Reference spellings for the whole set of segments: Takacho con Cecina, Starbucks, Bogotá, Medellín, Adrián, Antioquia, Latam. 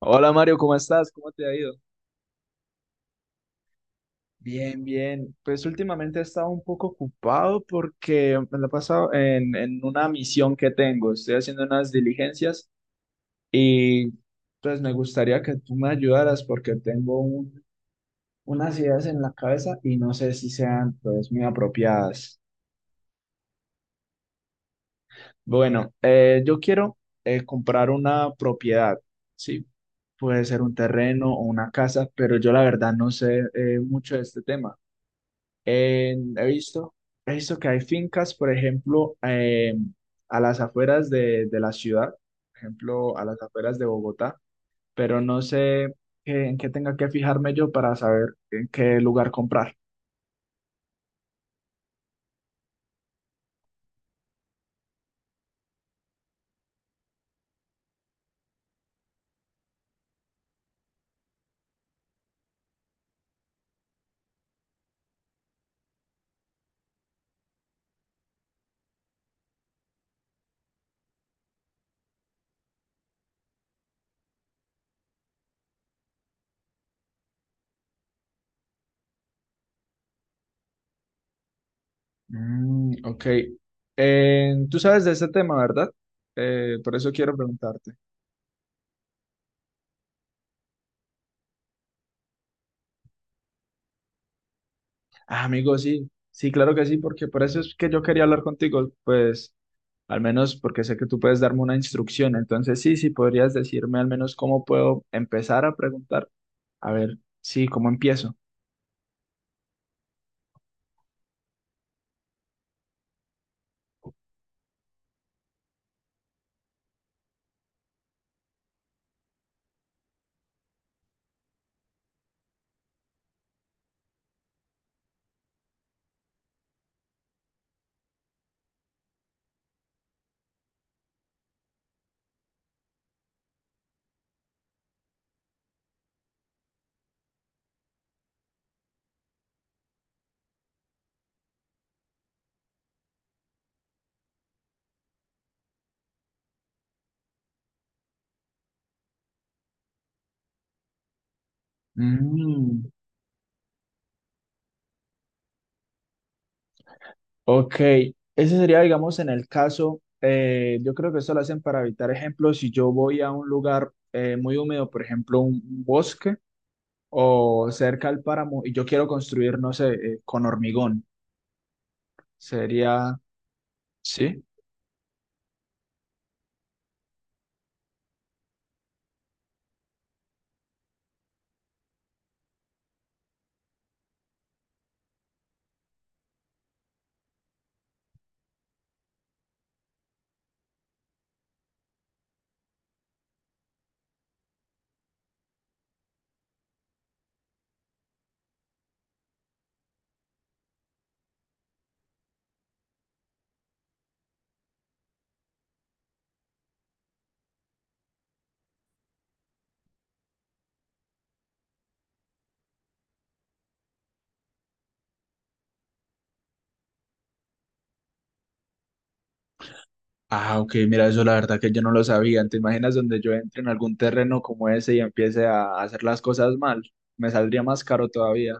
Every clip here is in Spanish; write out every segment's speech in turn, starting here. Hola Mario, ¿cómo estás? ¿Cómo te ha ido? Bien, bien. Pues últimamente he estado un poco ocupado porque me la he pasado en una misión que tengo. Estoy haciendo unas diligencias y pues me gustaría que tú me ayudaras porque tengo unas ideas en la cabeza y no sé si sean pues muy apropiadas. Bueno, yo quiero comprar una propiedad, ¿sí? Puede ser un terreno o una casa, pero yo la verdad no sé mucho de este tema. He visto, he visto que hay fincas, por ejemplo, a las afueras de la ciudad, por ejemplo, a las afueras de Bogotá, pero no sé en qué tenga que fijarme yo para saber en qué lugar comprar. Mm, ok. Tú sabes de ese tema, ¿verdad? Por eso quiero preguntarte. Ah, amigo, sí, sí, claro que sí, porque por eso es que yo quería hablar contigo, pues al menos porque sé que tú puedes darme una instrucción, entonces sí, sí, podrías decirme al menos cómo puedo empezar a preguntar, a ver, sí, cómo empiezo. Mm, ok, ese sería, digamos, en el caso, yo creo que eso lo hacen para evitar ejemplos, si yo voy a un lugar muy húmedo, por ejemplo, un bosque o cerca al páramo y yo quiero construir, no sé, con hormigón, sería, sí. Ah, ok, mira, eso la verdad que yo no lo sabía. ¿Te imaginas donde yo entre en algún terreno como ese y empiece a hacer las cosas mal? Me saldría más caro todavía.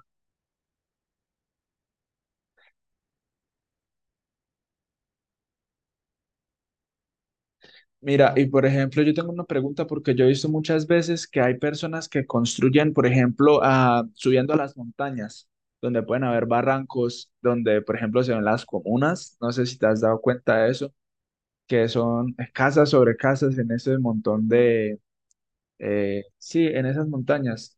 Mira, y por ejemplo, yo tengo una pregunta porque yo he visto muchas veces que hay personas que construyen, por ejemplo, ah, subiendo a las montañas, donde pueden haber barrancos, donde, por ejemplo, se ven las comunas. No sé si te has dado cuenta de eso, que son casas sobre casas en ese montón de, sí, en esas montañas.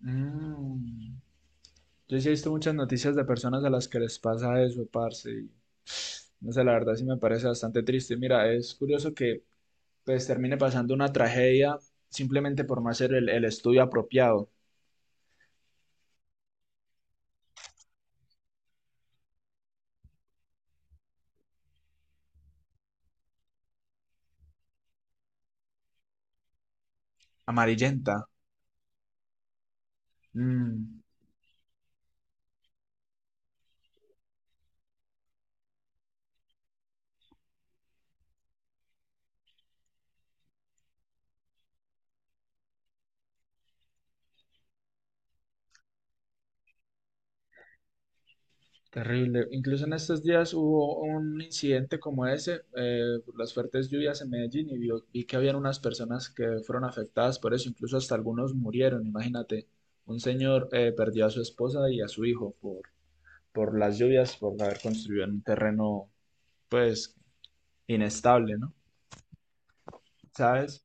Mm. Yo sí he visto muchas noticias de personas a las que les pasa eso, parce. Y no sé, la verdad sí me parece bastante triste. Mira, es curioso que pues termine pasando una tragedia simplemente por no hacer el estudio apropiado. Amarillenta. Mm, terrible. Incluso en estos días hubo un incidente como ese, por las fuertes lluvias en Medellín y vi que habían unas personas que fueron afectadas por eso. Incluso hasta algunos murieron, imagínate. Un señor perdió a su esposa y a su hijo por las lluvias, por haber construido en un terreno, pues, inestable, ¿no? ¿Sabes?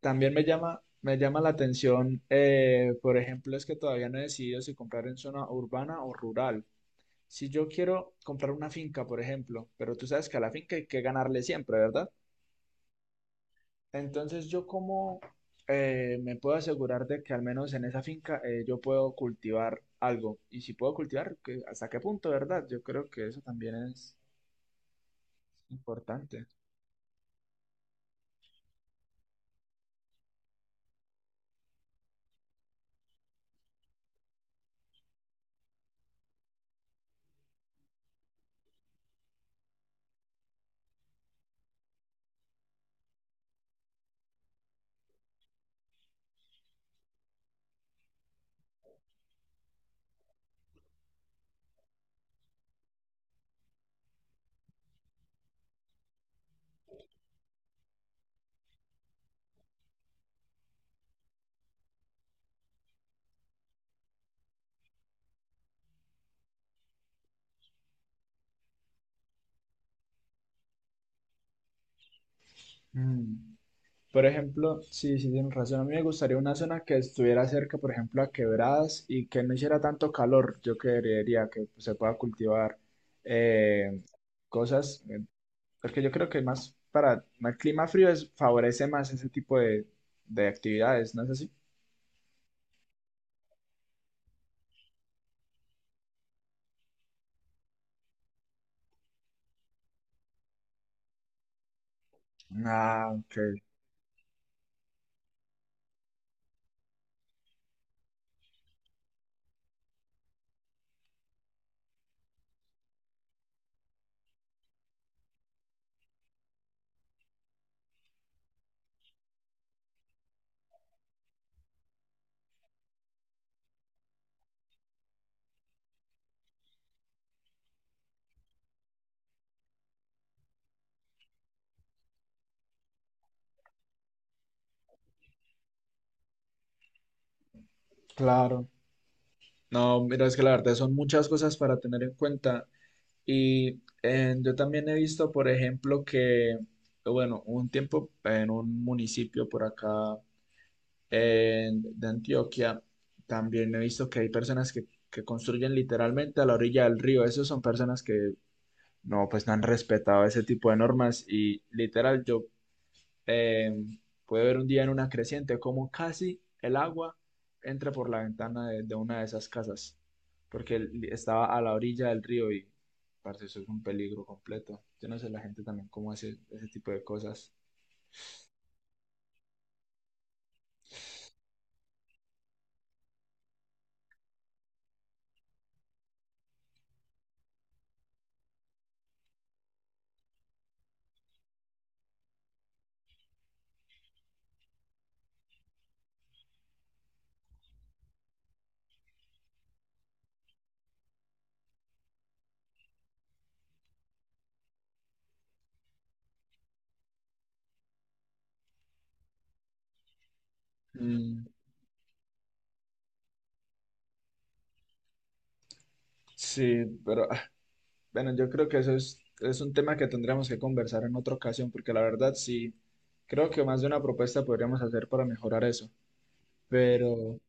También me llama la atención, por ejemplo, es que todavía no he decidido si comprar en zona urbana o rural. Si yo quiero comprar una finca, por ejemplo, pero tú sabes que a la finca hay que ganarle siempre, ¿verdad? Entonces, yo cómo me puedo asegurar de que al menos en esa finca yo puedo cultivar algo. Y si puedo cultivar, ¿hasta qué punto, verdad? Yo creo que eso también es importante. Mm. Por ejemplo, sí, sí, tienes razón. A mí me gustaría una zona que estuviera cerca, por ejemplo, a quebradas y que no hiciera tanto calor. Yo creería que pues, se pueda cultivar eh, cosas, porque yo creo que más para el clima frío es, favorece más ese tipo de actividades, ¿no es así? Ah, ok, claro. No, mira, es que la verdad son muchas cosas para tener en cuenta. Y yo también he visto, por ejemplo, que, bueno, un tiempo en un municipio por acá de Antioquia, también he visto que hay personas que construyen literalmente a la orilla del río. Esas son personas que no, pues no han respetado ese tipo de normas y literal yo eh, puedo ver un día en una creciente como casi el agua entra por la ventana de una de esas casas porque estaba a la orilla del río y parce, eso es un peligro completo. Yo no sé la gente también cómo hace ese tipo de cosas. Mm, sí, pero bueno, yo creo que eso es un tema que tendremos que conversar en otra ocasión, porque la verdad sí, creo que más de una propuesta podríamos hacer para mejorar eso. Pero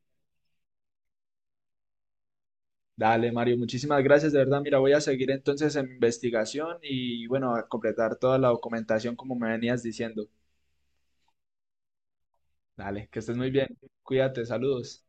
dale, Mario, muchísimas gracias, de verdad. Mira, voy a seguir entonces en mi investigación y bueno, a completar toda la documentación como me venías diciendo. Dale, que estés muy bien. Cuídate, saludos.